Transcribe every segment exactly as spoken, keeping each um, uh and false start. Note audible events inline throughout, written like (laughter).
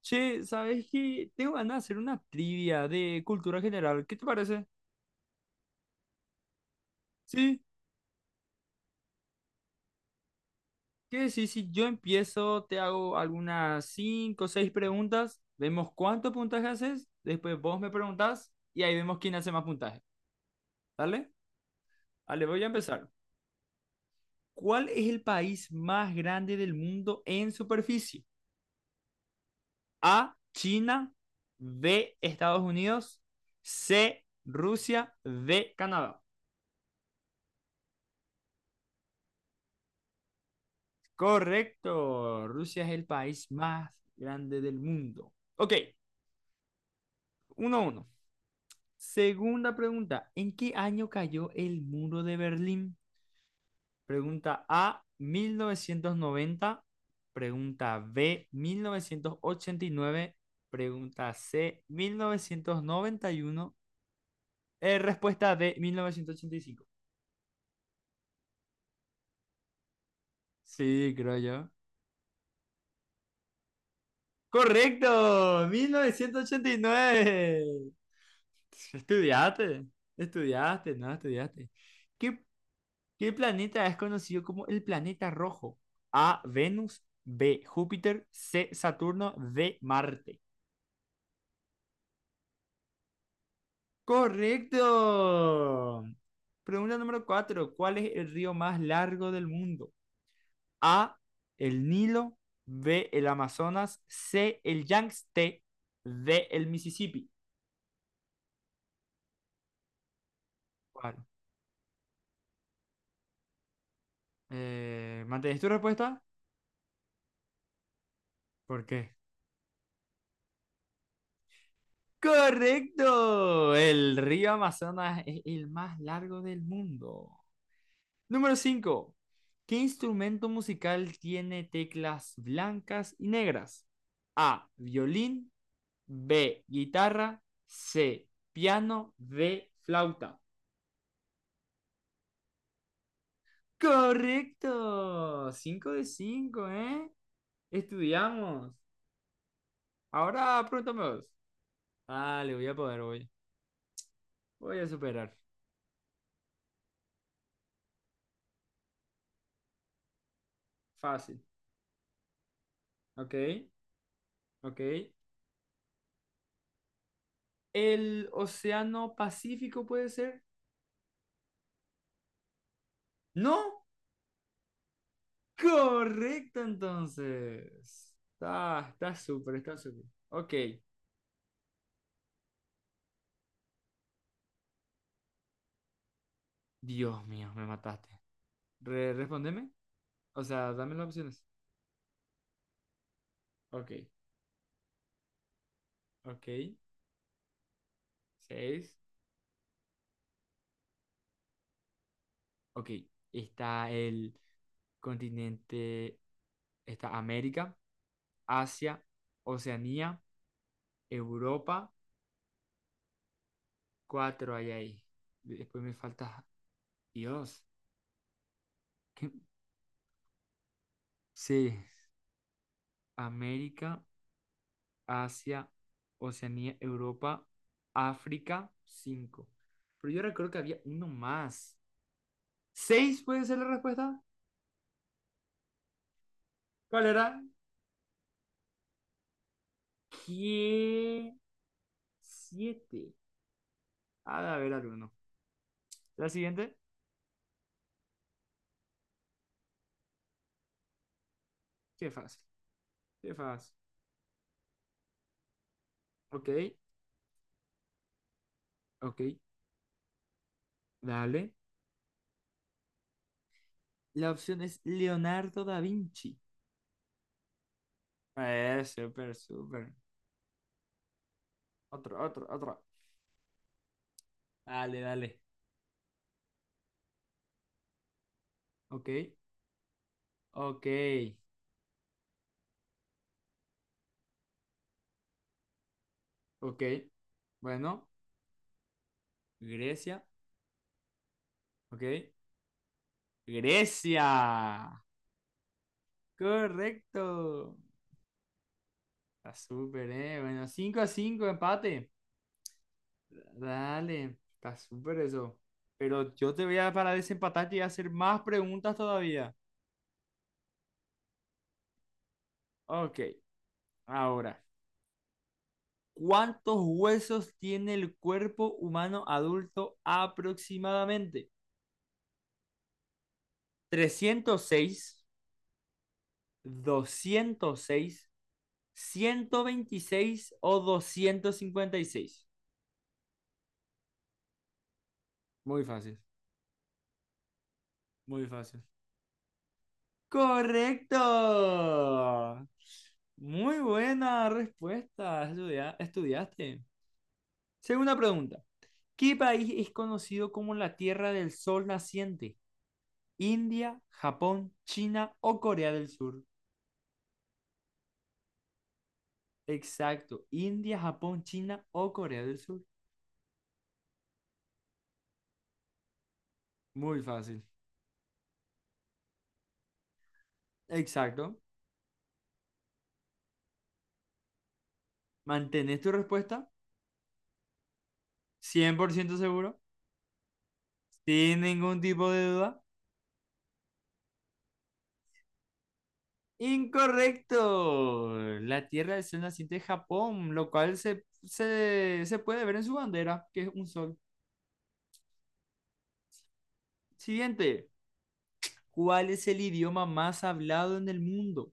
Che, ¿sabes qué? Tengo ganas de hacer una trivia de cultura general. ¿Qué te parece? Sí, ¿qué decís? Si yo empiezo, te hago algunas cinco o seis preguntas, vemos cuánto puntaje haces, después vos me preguntás y ahí vemos quién hace más puntaje. ¿Dale? Vale, voy a empezar. ¿Cuál es el país más grande del mundo en superficie? A, China, B, Estados Unidos, C, Rusia, D, Canadá. Correcto. Rusia es el país más grande del mundo. Ok, uno a uno. Segunda pregunta. ¿En qué año cayó el muro de Berlín? Pregunta A, mil novecientos noventa. Pregunta B, mil novecientos ochenta y nueve. Pregunta C, mil novecientos noventa y uno. Eh, respuesta D, mil novecientos ochenta y cinco. Sí, creo yo. Correcto, mil novecientos ochenta y nueve. (laughs) Estudiaste, estudiaste, no, estudiaste. ¿Qué, qué planeta es conocido como el planeta rojo? A, Venus, B, Júpiter, C, Saturno, D, Marte. Correcto. Pregunta número cuatro. ¿Cuál es el río más largo del mundo? A, el Nilo, B, el Amazonas, C, el Yangtze, D, el Mississippi. ¿Cuál? Eh, ¿mantienes tu respuesta? ¿Por qué? Correcto. El río Amazonas es el más largo del mundo. Número cinco. ¿Qué instrumento musical tiene teclas blancas y negras? A. Violín. B. Guitarra. C. Piano. D. Flauta. Correcto. Cinco de cinco, ¿eh? Estudiamos. Ahora pregúntame vos. Ah, le voy a poder hoy. Voy a superar. Fácil. Ok, ok. El Océano Pacífico puede ser. No, correcto entonces. Está, está súper, está súper. Ok. Dios mío, me mataste. Re- respóndeme. O sea, dame las opciones. Ok, ok. Seis. Ok. Está el continente, está América, Asia, Oceanía, Europa. Cuatro hay ahí. Después me falta... Dios. ¿Qué? Sí. América. Asia, Oceanía, Europa, África, cinco. Pero yo recuerdo que había uno más. ¿Seis puede ser la respuesta? ¿Cuál era? ¿Qué? Siete. Ha de haber alguno. ¿La siguiente? Qué fácil. Qué fácil. Ok, ok, dale. La opción es Leonardo da Vinci. Eh, súper, súper. Otro, otro, otro. Dale, dale. Ok, ok, ok. Bueno, Grecia, ok. Grecia. Correcto. Está súper, ¿eh? Bueno, cinco a cinco, empate. Dale, está súper eso. Pero yo te voy a, para desempatar, y hacer más preguntas todavía. Ok, ahora. ¿Cuántos huesos tiene el cuerpo humano adulto aproximadamente? Trescientos seis, doscientos seis, ciento veintiséis o doscientos cincuenta y seis. Muy fácil, muy fácil. Correcto. Muy buena respuesta. Estudia- estudiaste. Segunda pregunta. ¿Qué país es conocido como la Tierra del Sol Naciente? ¿India, Japón, China o Corea del Sur? Exacto. India, Japón, China o Corea del Sur. Muy fácil. Exacto. ¿Mantenés tu respuesta? Cien por ciento seguro. Sin ningún tipo de duda. Incorrecto. La Tierra es el naciente de Japón, lo cual se, se, se puede ver en su bandera, que es un sol. Siguiente. ¿Cuál es el idioma más hablado en el mundo?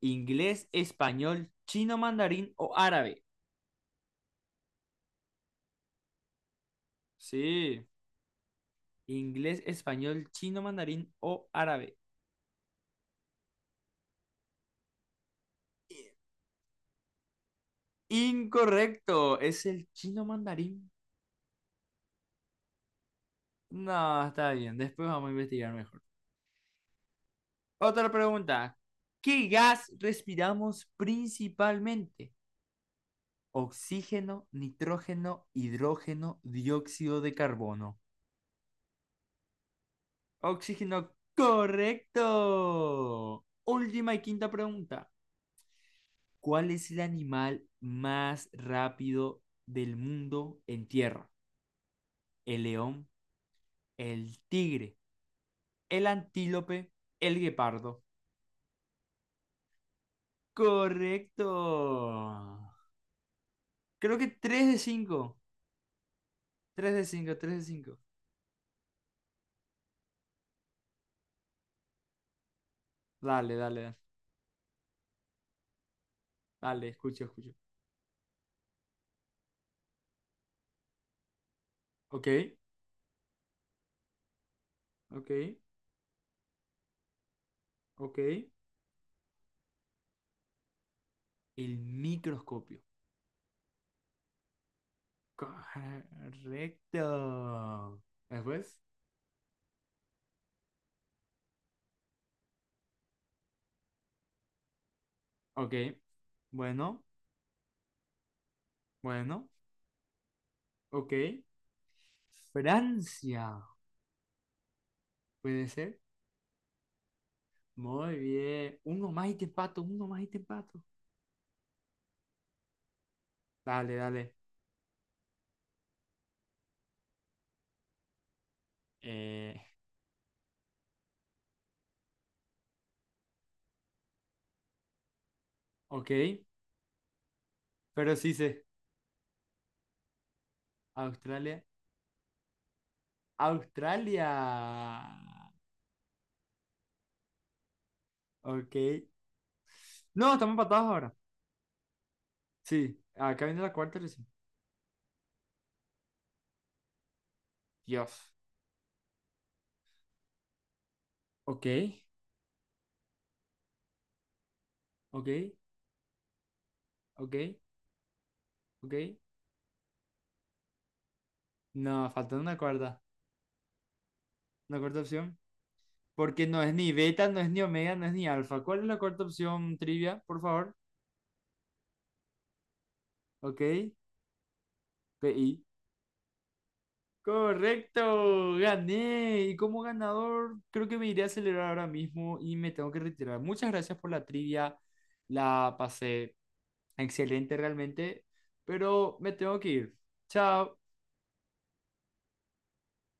¿Inglés, español, chino, mandarín o árabe? Sí. Inglés, español, chino, mandarín o árabe. Incorrecto. Es el chino mandarín. No, está bien. Después vamos a investigar mejor. Otra pregunta. ¿Qué gas respiramos principalmente? Oxígeno, nitrógeno, hidrógeno, dióxido de carbono. Oxígeno, correcto. Última y quinta pregunta. ¿Cuál es el animal más rápido del mundo en tierra? El león, el tigre, el antílope, el guepardo. Correcto. Creo que tres de cinco, tres de cinco, tres de cinco. Dale, dale, dale, dale, escucho, escucho. Ok, ok, ok. El microscopio. Correcto. Después, ok. Bueno, bueno, ok. Francia, puede ser. Muy bien. Uno más y te empato, uno más y te empato. Dale, dale. Eh, ok, pero sí sé. Australia, Australia. Ok. No, estamos empatados ahora. Sí, acá viene la cuarta. Dios. Ok, ok, ok, ok. No, falta una cuarta. Una cuarta opción. Porque no es ni beta, no es ni omega, no es ni alfa. ¿Cuál es la cuarta opción, trivia, por favor? Ok, PI. Correcto, gané. Y como ganador, creo que me iré a celebrar ahora mismo y me tengo que retirar. Muchas gracias por la trivia. La pasé excelente realmente, pero me tengo que ir. Chao.